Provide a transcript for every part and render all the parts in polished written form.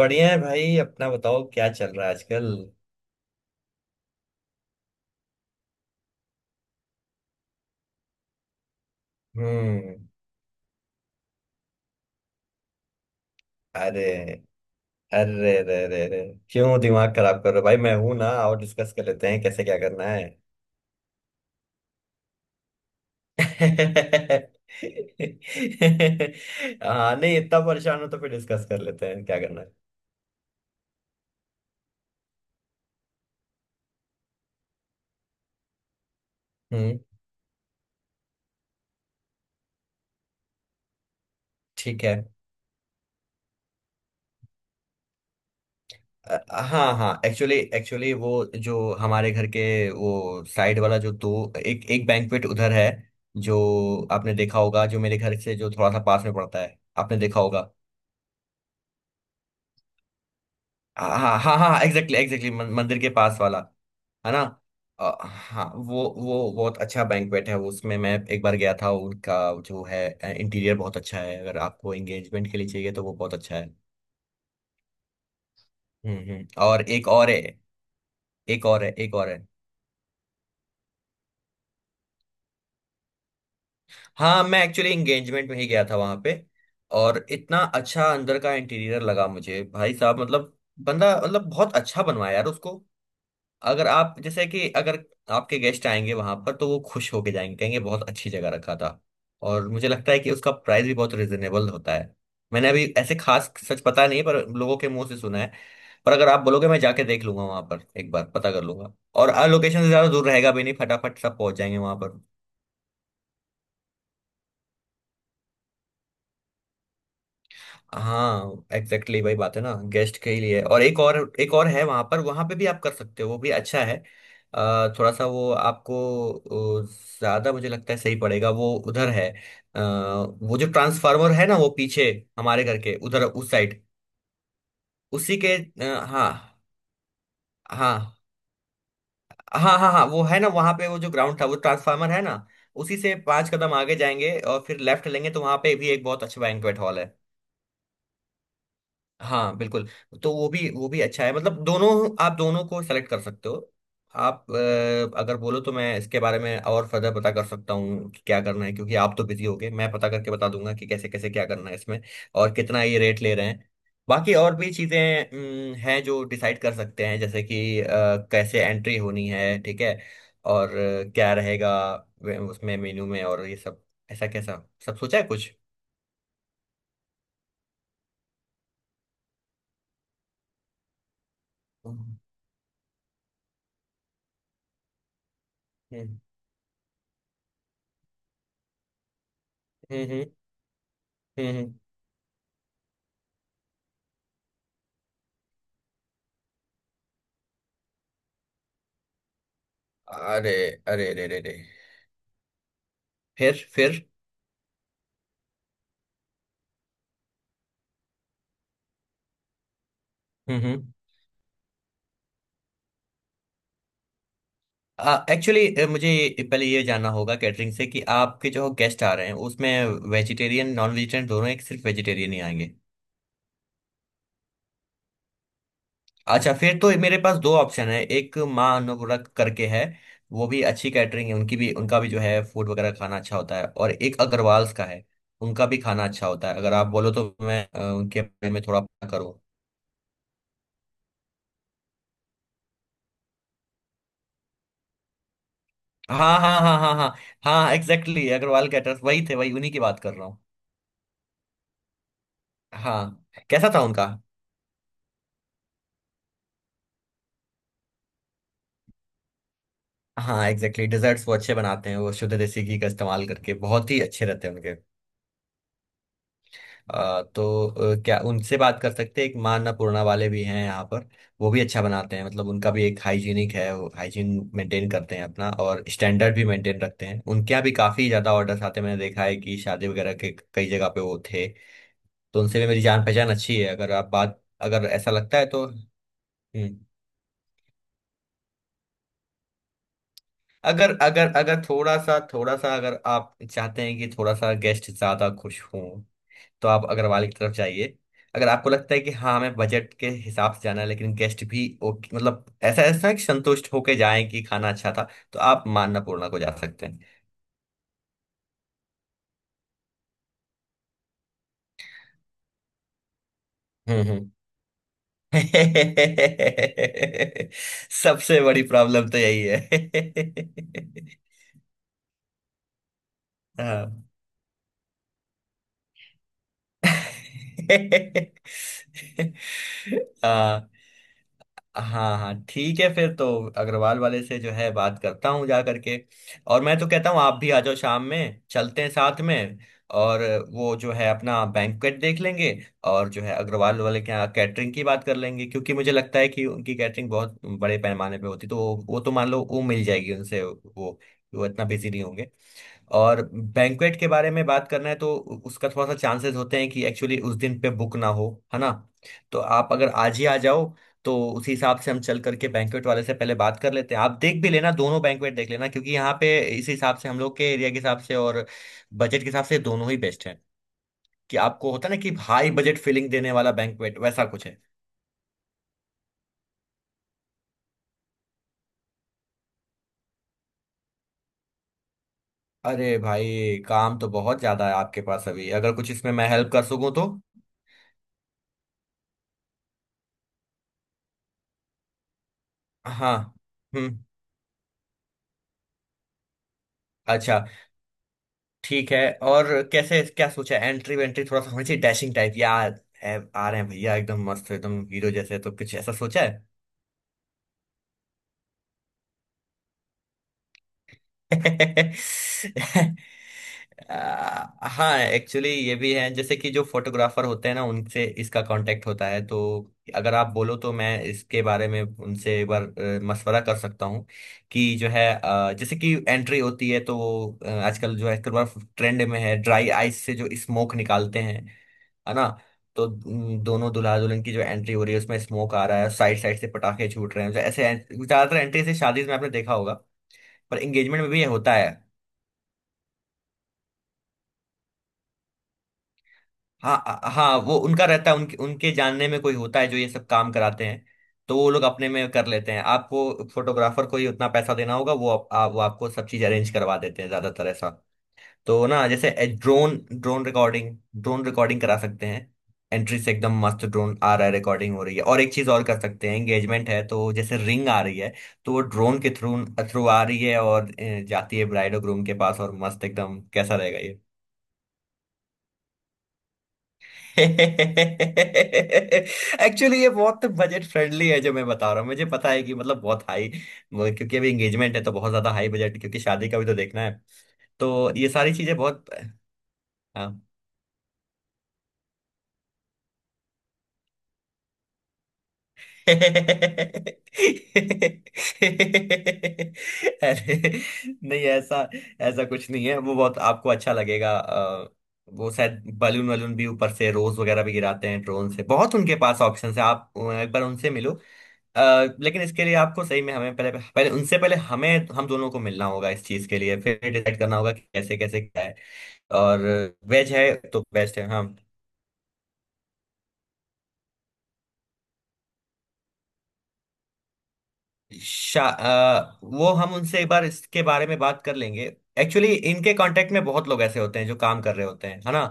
बढ़िया है भाई। अपना बताओ क्या चल रहा है आजकल। हम्म। अरे अरे अरे अरे अरे, क्यों दिमाग खराब कर रहे हो भाई? मैं हूं ना, और डिस्कस कर लेते हैं कैसे क्या करना है। हाँ नहीं, इतना परेशान हो तो फिर डिस्कस कर लेते हैं क्या करना है। हम्म। ठीक है। अ, हाँ हाँ, एक्चुअली एक्चुअली वो, जो हमारे घर के, वो साइड वाला, जो दो एक एक बैंक्वेट उधर है, जो आपने देखा होगा, जो मेरे घर से जो थोड़ा सा पास में पड़ता है, आपने देखा होगा। हाँ हाँ हाँ, एग्जैक्टली एग्जैक्टली मंदिर के पास वाला। है ना? हाँ, वो बहुत अच्छा बैंक्वेट है, उसमें मैं एक बार गया था। उनका जो है, इंटीरियर बहुत अच्छा है, अगर आपको एंगेजमेंट के लिए चाहिए तो वो बहुत अच्छा है। हम्म। और एक और है, एक और है, एक और है। हाँ, मैं एक्चुअली एंगेजमेंट में ही गया था वहां पे। और इतना अच्छा अंदर का इंटीरियर लगा मुझे भाई साहब, मतलब बंदा, मतलब बहुत अच्छा बनवाया यार उसको। अगर आप जैसे कि अगर आपके गेस्ट आएंगे वहां पर, तो वो खुश होके जाएंगे, कहेंगे बहुत अच्छी जगह रखा था। और मुझे लगता है कि उसका प्राइस भी बहुत रिजनेबल होता है। मैंने अभी ऐसे खास सच पता नहीं, पर लोगों के मुंह से सुना है। पर अगर आप बोलोगे, मैं जाके देख लूंगा वहां पर एक बार, पता कर लूंगा। और लोकेशन से ज्यादा दूर रहेगा भी नहीं, फटाफट सब पहुंच जाएंगे वहां पर। हाँ, एग्जैक्टली वही बात है ना, गेस्ट के ही लिए। और एक और, एक और है वहां पे भी आप कर सकते हो, वो भी अच्छा है। थोड़ा सा वो आपको, ज्यादा मुझे लगता है सही पड़ेगा, वो उधर है। वो जो ट्रांसफार्मर है ना, वो पीछे हमारे घर के उधर, उस साइड, उसी के हाँ हाँ हाँ हाँ हाँ, वो है ना वहां पे, वो जो ग्राउंड था, वो ट्रांसफार्मर है ना, उसी से 5 कदम आगे जाएंगे और फिर लेफ्ट लेंगे, तो वहां पे भी एक बहुत अच्छा बैंक्वेट हॉल है। हाँ बिल्कुल। तो वो भी अच्छा है, मतलब दोनों, आप दोनों को सेलेक्ट कर सकते हो। आप, अगर बोलो तो मैं इसके बारे में और फर्दर पता कर सकता हूँ कि क्या करना है, क्योंकि आप तो बिजी होगे। मैं पता करके बता दूंगा कि कैसे कैसे क्या करना है इसमें, और कितना ये रेट ले रहे हैं, बाकी और भी चीज़ें हैं जो डिसाइड कर सकते हैं, जैसे कि कैसे एंट्री होनी है, ठीक है? और क्या रहेगा उसमें मेन्यू में, और ये सब ऐसा कैसा सब सोचा है कुछ। हम्म हम्म हम्म हम्म हम्म, अरे अरे अरे अरे अरे। फिर, हम्म एक्चुअली मुझे पहले ये जानना होगा कैटरिंग से कि आपके जो गेस्ट आ रहे हैं उसमें वेजिटेरियन नॉन वेजिटेरियन दोनों, एक सिर्फ वेजिटेरियन ही आएंगे। अच्छा, फिर तो मेरे पास दो ऑप्शन है। एक माँ अन्नपूर्णा करके है, वो भी अच्छी कैटरिंग है, उनकी भी, उनका भी जो है फूड वगैरह खाना अच्छा होता है। और एक अग्रवाल्स का है, उनका भी खाना अच्छा होता है। अगर आप बोलो तो मैं उनके बारे में थोड़ा पता करूँ। हाँ हाँ हाँ हाँ हाँ, हाँ एग्जैक्टली, अग्रवाल कैटर्स वही थे, वही, उन्हीं की बात कर रहा हूँ। हाँ, कैसा था उनका? हाँ एग्जैक्टली, desserts वो अच्छे बनाते हैं, वो शुद्ध देसी घी का इस्तेमाल करके बहुत ही अच्छे रहते हैं उनके। तो क्या उनसे बात कर सकते हैं? एक माँ अन्नपूर्णा वाले भी हैं यहाँ पर, वो भी अच्छा बनाते हैं, मतलब उनका भी एक हाइजीनिक है, वो हाइजीन मेंटेन करते हैं अपना, और स्टैंडर्ड भी मेंटेन रखते हैं। उनके यहाँ भी काफ़ी ज़्यादा ऑर्डर्स आते हैं, मैंने देखा है कि शादी वगैरह के कई जगह पे वो थे। तो उनसे भी मेरी जान पहचान अच्छी है, अगर आप बात अगर ऐसा लगता है तो। हम्म। अगर अगर अगर थोड़ा सा थोड़ा सा, अगर आप चाहते हैं कि थोड़ा सा गेस्ट ज्यादा खुश हों, तो आप अग्रवाल की तरफ जाइए। अगर आपको लगता है कि हाँ, हमें बजट के हिसाब से जाना है, लेकिन गेस्ट भी ओके, मतलब ऐसा ऐसा है कि संतुष्ट होके जाएं कि खाना अच्छा था, तो आप मान्नापूर्णा को जा सकते हैं। हम्म। सबसे बड़ी प्रॉब्लम तो यही है। हाँ। हाँ हाँ हाँ, ठीक है फिर तो अग्रवाल वाले से जो है बात करता हूँ जा करके। और मैं तो कहता हूँ आप भी आ जाओ, शाम में चलते हैं साथ में, और वो जो है अपना बैंक्वेट देख लेंगे, और जो है अग्रवाल वाले के यहाँ कैटरिंग की बात कर लेंगे, क्योंकि मुझे लगता है कि उनकी कैटरिंग बहुत बड़े पैमाने पे होती, तो वो तो मान लो वो मिल जाएगी उनसे। वो इतना बिजी नहीं होंगे। और बैंक्वेट के बारे में बात करना है तो उसका थोड़ा सा चांसेस होते हैं कि एक्चुअली उस दिन पे बुक ना हो। है ना? तो आप अगर आज ही आ जाओ, तो उसी हिसाब से हम चल करके बैंक्वेट वाले से पहले बात कर लेते हैं, आप देख भी लेना दोनों बैंक्वेट। देख लेना क्योंकि यहाँ पे इस हिसाब से, हम लोग के एरिया के हिसाब से और बजट के हिसाब से दोनों ही बेस्ट है। कि आपको होता है ना, कि हाई बजट फीलिंग देने वाला बैंक्वेट, वैसा कुछ है। अरे भाई काम तो बहुत ज्यादा है आपके पास अभी, अगर कुछ इसमें मैं हेल्प कर सकूं तो। हाँ। हम्म। अच्छा। ठीक है। और कैसे क्या सोचा? एंट्री वेंट्री थोड़ा सा होनी चाहिए डैशिंग टाइप, या है, आ रहे हैं भैया एकदम मस्त, एकदम हीरो जैसे, तो कुछ ऐसा सोचा है? हाँ एक्चुअली ये भी है, जैसे कि जो फोटोग्राफर होते हैं ना, उनसे इसका कांटेक्ट होता है। तो अगर आप बोलो तो मैं इसके बारे में उनसे एक बार मशवरा कर सकता हूँ कि जो है, जैसे कि एंट्री होती है तो वो, आजकल जो है एक बार ट्रेंड में है, ड्राई आइस से जो स्मोक निकालते हैं। है ना? तो दोनों दुल्हा दुल्हन की जो एंट्री हो रही है, उसमें स्मोक आ रहा है, साइड साइड से पटाखे छूट रहे हैं, ऐसे ऐसे- ज्यादातर एंट्री से शादी में आपने देखा होगा। पर एंगेजमेंट में भी ये होता है। हाँ, हाँ वो उनका रहता है, उनके उनके जानने में कोई होता है जो ये सब काम कराते हैं। तो वो लोग अपने में कर लेते हैं, आपको फोटोग्राफर को ही उतना पैसा देना होगा, वो आपको सब चीज अरेंज करवा देते हैं, ज्यादातर ऐसा। तो ना, जैसे ड्रोन ड्रोन रिकॉर्डिंग करा सकते हैं। एंट्री से एकदम मस्त ड्रोन आ रहा है, रिकॉर्डिंग हो रही है। और एक चीज और कर सकते हैं, एंगेजमेंट है तो जैसे रिंग आ रही है, तो वो ड्रोन के थ्रू थ्रू आ रही है, और जाती है ब्राइड और ग्रूम के पास, और मस्त एकदम, कैसा रहेगा ये? एक्चुअली ये बहुत बजट फ्रेंडली है जो मैं बता रहा हूँ, मुझे पता है कि मतलब बहुत हाई, क्योंकि अभी एंगेजमेंट है तो बहुत ज्यादा हाई बजट, क्योंकि शादी का भी तो देखना है, तो ये सारी चीजें बहुत। हाँ। अरे नहीं, ऐसा ऐसा कुछ नहीं है, वो बहुत आपको अच्छा लगेगा। वो शायद बलून वलून भी ऊपर से रोज वगैरह भी गिराते हैं ड्रोन से, बहुत उनके पास ऑप्शन है, आप एक बार उनसे मिलो। अ, लेकिन इसके लिए आपको सही में, हमें पहले पहले उनसे पहले हमें हम दोनों को मिलना होगा इस चीज के लिए, फिर डिसाइड करना होगा कि कैसे कैसे क्या है। और वेज है तो बेस्ट है, हाँ। वो हम उनसे एक बार इसके बारे में बात कर लेंगे। एक्चुअली इनके कांटेक्ट में बहुत लोग ऐसे होते हैं जो काम कर रहे होते हैं, है ना।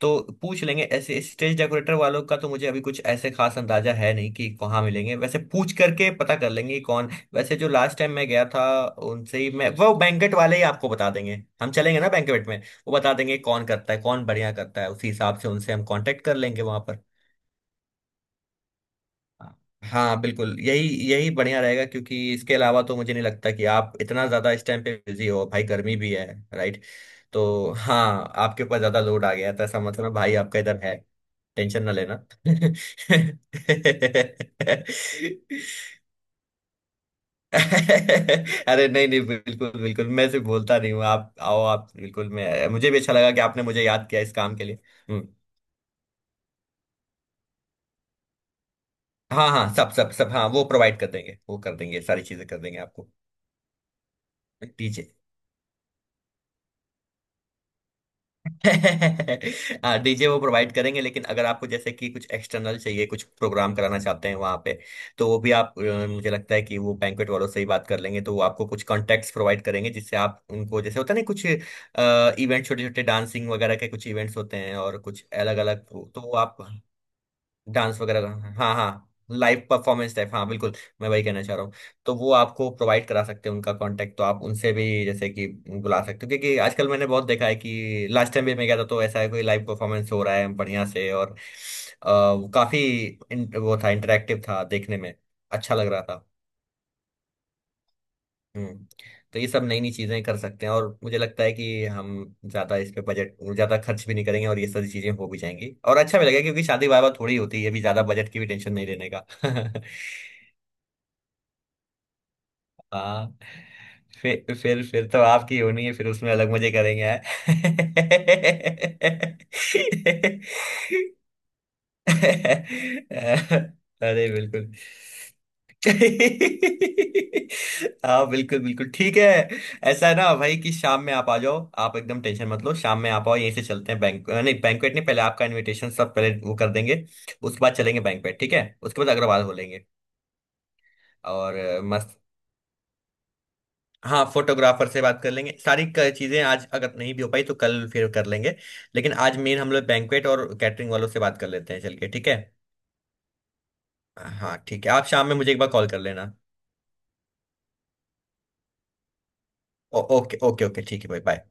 तो पूछ लेंगे, ऐसे स्टेज डेकोरेटर वालों का तो मुझे अभी कुछ ऐसे खास अंदाजा है नहीं कि कहाँ मिलेंगे, वैसे पूछ करके पता कर लेंगे कि कौन। वैसे जो लास्ट टाइम मैं गया था उनसे ही, मैं वो बैंकेट वाले ही आपको बता देंगे, हम चलेंगे ना बैंकेट में, वो बता देंगे कौन करता है, कौन बढ़िया करता है, उसी हिसाब से उनसे हम कांटेक्ट कर लेंगे वहां पर। हाँ बिल्कुल, यही यही बढ़िया रहेगा, क्योंकि इसके अलावा तो मुझे नहीं लगता कि आप इतना ज्यादा इस टाइम पे बिजी हो भाई, गर्मी भी है, राइट, तो हाँ, आपके ऊपर ज्यादा लोड आ गया है, तो ऐसा मतलब भाई आपका इधर है, टेंशन ना लेना। अरे नहीं नहीं, बिल्कुल बिल्कुल, मैं सिर्फ बोलता नहीं हूँ, आप आओ आप बिल्कुल, मैं मुझे भी अच्छा लगा कि आपने मुझे याद किया इस काम के लिए। हम्म। हाँ हाँ, सब सब सब, हाँ वो प्रोवाइड कर देंगे, वो कर देंगे, सारी चीजें कर देंगे आपको। टीचर। हाँ, डीजे वो प्रोवाइड करेंगे, लेकिन अगर आपको जैसे कि कुछ एक्सटर्नल चाहिए, कुछ प्रोग्राम कराना चाहते हैं वहाँ पे, तो वो भी आप मुझे लगता है कि वो बैंक्वेट वालों से ही बात कर लेंगे, तो वो आपको कुछ कॉन्टेक्ट्स प्रोवाइड करेंगे, जिससे आप उनको, जैसे होता है ना कुछ इवेंट, छोटे छोटे डांसिंग वगैरह के कुछ इवेंट्स होते हैं, और कुछ अलग अलग, तो वो आप, डांस वगैरह का, हाँ हाँ लाइव परफॉर्मेंस टाइप, हाँ बिल्कुल। मैं वही कहना चाह रहा हूँ। तो वो आपको प्रोवाइड करा सकते हैं उनका कांटेक्ट, तो आप उनसे भी जैसे कि बुला सकते हो, क्योंकि आजकल मैंने बहुत देखा है कि लास्ट टाइम भी मैं गया था, तो ऐसा है कोई लाइव परफॉर्मेंस हो रहा है बढ़िया से, और वो काफी वो था इंटरेक्टिव, था देखने में अच्छा लग रहा था। हम्म। तो ये सब नई नई चीजें कर सकते हैं, और मुझे लगता है कि हम ज्यादा इस पे बजट ज्यादा खर्च भी नहीं करेंगे और ये सारी चीजें हो भी जाएंगी, और अच्छा भी लगेगा, क्योंकि शादी वाह वाह थोड़ी होती है अभी, ज्यादा बजट की भी टेंशन नहीं लेने का। हाँ, फिर तो आपकी होनी है, फिर उसमें अलग मजे करेंगे, हैं? अरे बिल्कुल। हाँ बिल्कुल बिल्कुल, ठीक है। ऐसा है ना भाई, कि शाम में आप आ जाओ, आप एकदम टेंशन मत लो, शाम में आप आओ, यहीं से चलते हैं, बैंक नहीं बैंकवेट, नहीं पहले आपका इनविटेशन सब पहले वो कर देंगे। उसके बाद चलेंगे बैंकवेट, ठीक है, उसके बाद अग्रवाल हो लेंगे, और मस्त। हाँ, फोटोग्राफर से बात कर लेंगे, सारी चीजें आज अगर नहीं भी हो पाई तो कल फिर कर लेंगे। लेकिन आज मेन हम लोग बैंकवेट और कैटरिंग वालों से बात कर लेते हैं चल के, ठीक है। हाँ ठीक है, आप शाम में मुझे एक बार कॉल कर लेना। ओके ओके ओके, ठीक है भाई, बाय।